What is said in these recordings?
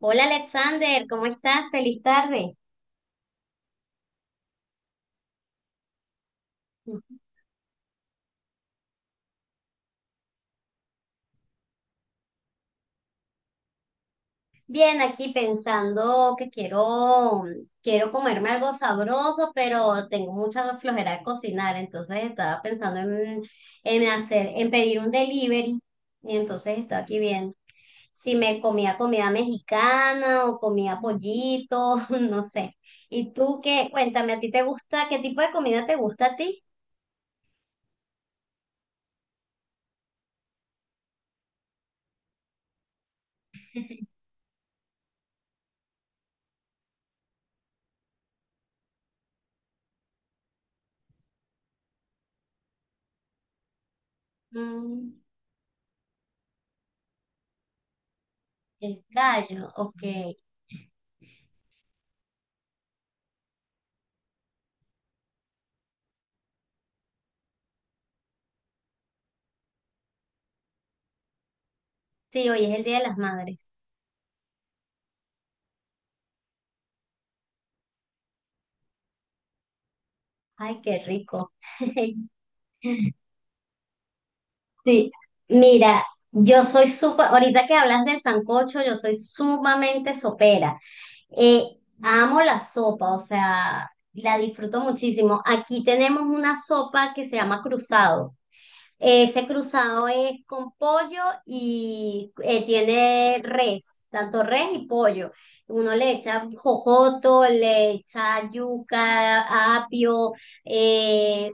Hola Alexander, ¿cómo estás? Feliz tarde. Bien, aquí pensando que quiero comerme algo sabroso, pero tengo mucha flojera de cocinar, entonces estaba pensando en hacer, en pedir un delivery, y entonces estaba aquí viendo si me comía comida mexicana o comía pollito, no sé. ¿Y tú qué? Cuéntame, ¿a ti te gusta? ¿Qué tipo de comida te gusta a ti? Mm, el gallo, ok. Sí, hoy es el Día de las Madres. Ay, qué rico. Sí, mira, yo soy súper, ahorita que hablas del sancocho, yo soy sumamente sopera. Amo la sopa, o sea, la disfruto muchísimo. Aquí tenemos una sopa que se llama cruzado. Ese cruzado es con pollo y tiene res, tanto res y pollo. Uno le echa jojoto, le echa yuca, apio, eh,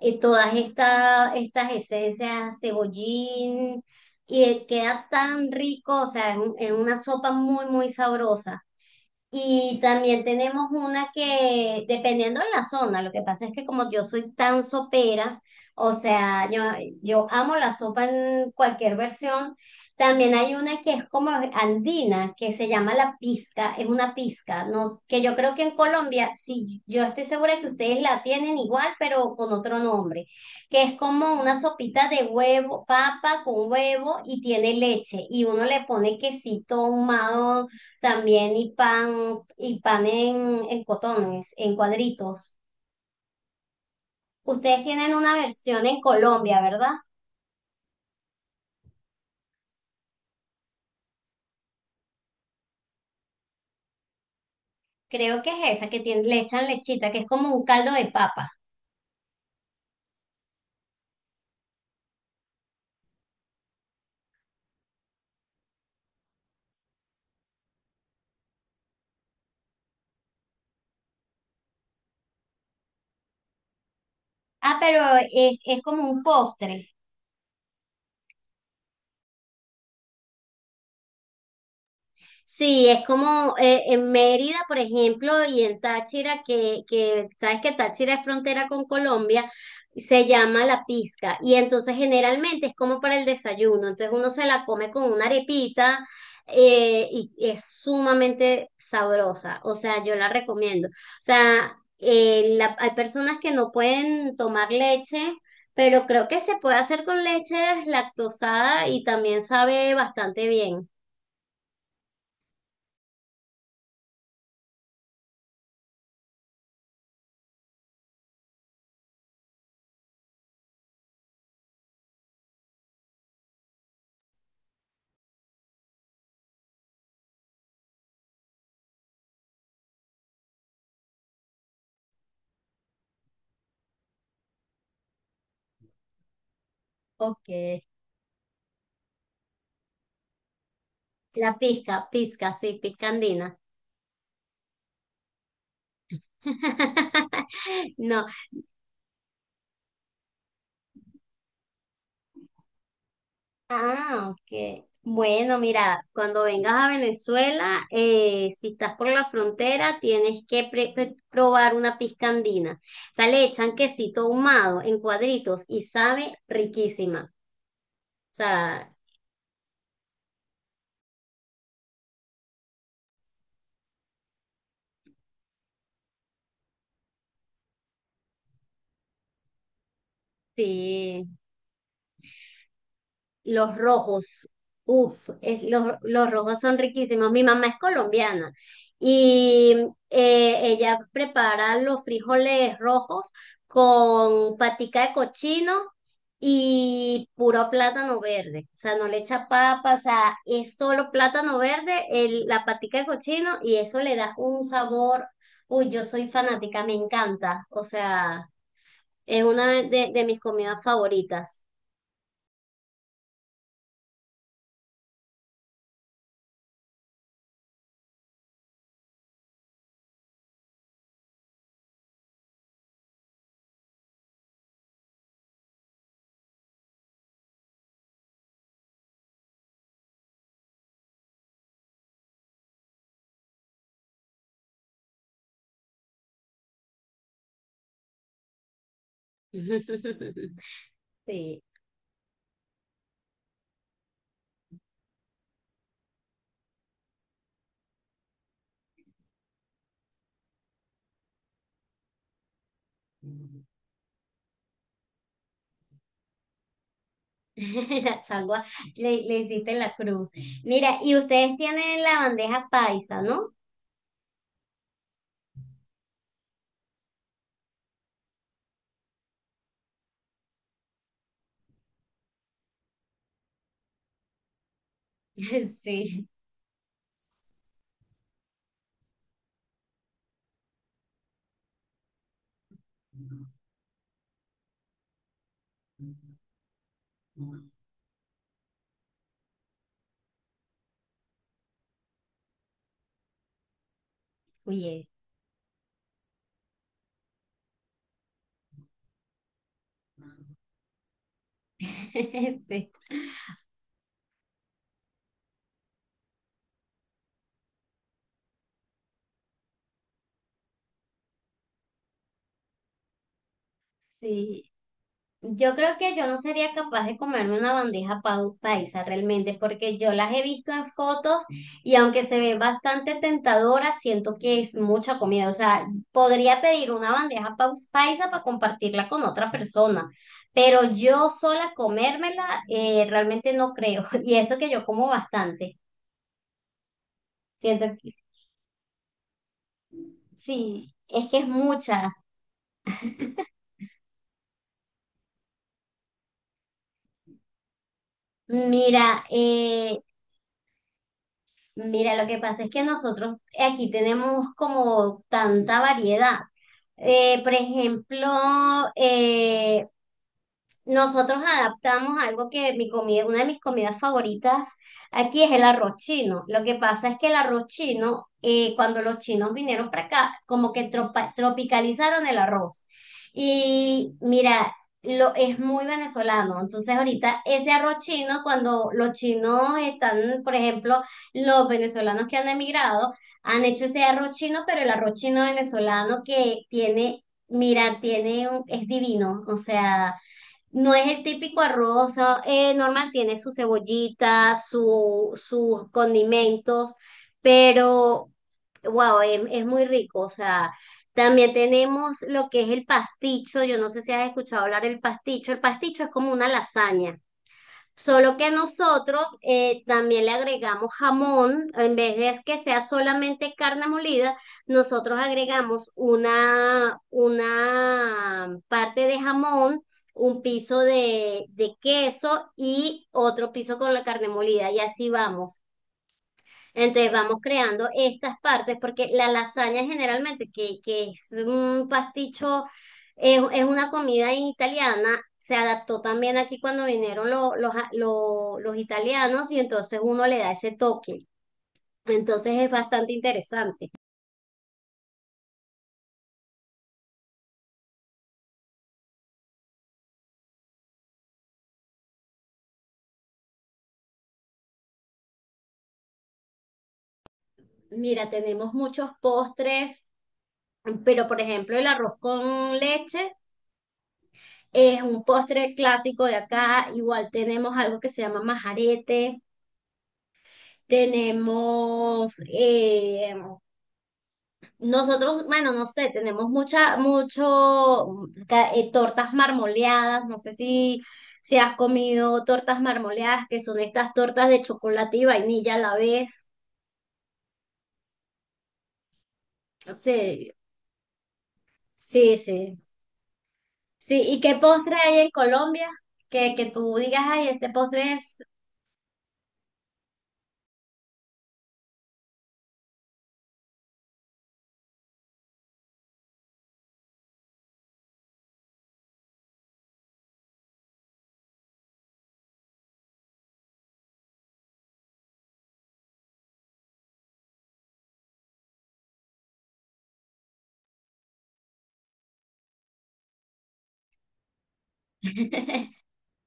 todas estas esencias, cebollín, y queda tan rico, o sea, es una sopa muy, muy sabrosa. Y también tenemos una que, dependiendo de la zona, lo que pasa es que como yo soy tan sopera, o sea, yo amo la sopa en cualquier versión, también hay una que es como andina, que se llama la pizca, es una pizca, no, que yo creo que en Colombia, sí, yo estoy segura que ustedes la tienen igual, pero con otro nombre, que es como una sopita de huevo, papa con huevo y tiene leche, y uno le pone quesito ahumado también y pan en cotones, en cuadritos. Ustedes tienen una versión en Colombia, ¿verdad? Creo que es esa, que tiene, le echan lechita, que es como un caldo de papa. Ah, pero es como un postre. Sí, es como en Mérida, por ejemplo, y en Táchira, que sabes que Táchira es frontera con Colombia, se llama la pizca. Y entonces generalmente es como para el desayuno. Entonces uno se la come con una arepita y es sumamente sabrosa. O sea, yo la recomiendo. O sea, hay personas que no pueden tomar leche. Pero creo que se puede hacer con leche lactosada y también sabe bastante bien. Ok, la pizca, pizca, sí, pizca andina. No. Ah, ok. Bueno, mira, cuando vengas a Venezuela, si estás por la frontera, tienes que probar una pizca andina. O sea, le echan quesito ahumado en cuadritos y sabe riquísima. O sea, sí. Los rojos, uff, es, los rojos son riquísimos. Mi mamá es colombiana y ella prepara los frijoles rojos con patica de cochino y puro plátano verde. O sea, no le echa papa, o sea, es solo plátano verde, la patica de cochino y eso le da un sabor. Uy, yo soy fanática, me encanta. O sea, es una de mis comidas favoritas. Sí. La changua, le hiciste la cruz. Mira, y ustedes tienen la bandeja paisa, ¿no? Sí. Oye, sí. Sí. Yo creo que yo no sería capaz de comerme una bandeja paisa realmente, porque yo las he visto en fotos y aunque se ve bastante tentadora, siento que es mucha comida. O sea, podría pedir una bandeja paisa para compartirla con otra persona, pero yo sola comérmela realmente no creo. Y eso que yo como bastante. Siento que sí, es que es mucha. Mira, eh, Mira, lo que pasa es que nosotros aquí tenemos como tanta variedad. Por ejemplo, eh, nosotros adaptamos algo que mi comida, una de mis comidas favoritas aquí es el arroz chino. Lo que pasa es que el arroz chino, cuando los chinos vinieron para acá, como que tropicalizaron el arroz. Y mira, lo, es muy venezolano. Entonces ahorita ese arroz chino, cuando los chinos están, por ejemplo, los venezolanos que han emigrado, han hecho ese arroz chino, pero el arroz chino venezolano que tiene, mira, tiene un, es divino. O sea... No es el típico arroz normal, tiene su cebollita, su, sus condimentos, pero wow, es muy rico. O sea, también tenemos lo que es el pasticho. Yo no sé si has escuchado hablar del pasticho. El pasticho es como una lasaña. Solo que nosotros también le agregamos jamón, en vez de que sea solamente carne molida, nosotros agregamos una parte de jamón, un piso de queso y otro piso con la carne molida y así vamos. Entonces vamos creando estas partes, porque la lasaña generalmente, que es un pasticho, es una comida italiana, se adaptó también aquí cuando vinieron los italianos y entonces uno le da ese toque. Entonces es bastante interesante. Mira, tenemos muchos postres, pero por ejemplo el arroz con leche es un postre clásico de acá. Igual tenemos algo que se llama majarete. Tenemos nosotros, bueno, no sé, tenemos mucha, mucho, tortas marmoleadas, no sé si, si has comido tortas marmoleadas, que son estas tortas de chocolate y vainilla a la vez. Sí, sí, sí. Sí, ¿y qué postre hay en Colombia? Que tú digas, ay, este postre es,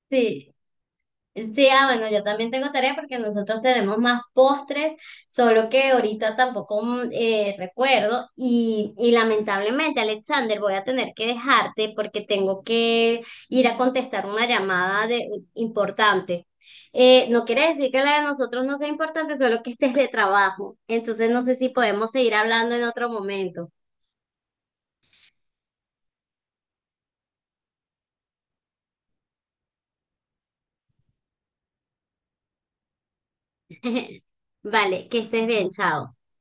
sí. Sí, ah, bueno, yo también tengo tarea porque nosotros tenemos más postres, solo que ahorita tampoco recuerdo y lamentablemente, Alexander, voy a tener que dejarte porque tengo que ir a contestar una llamada de, importante. No quiere decir que la de nosotros no sea importante, solo que este es de trabajo. Entonces no sé si podemos seguir hablando en otro momento. Vale, que estés bien, chao.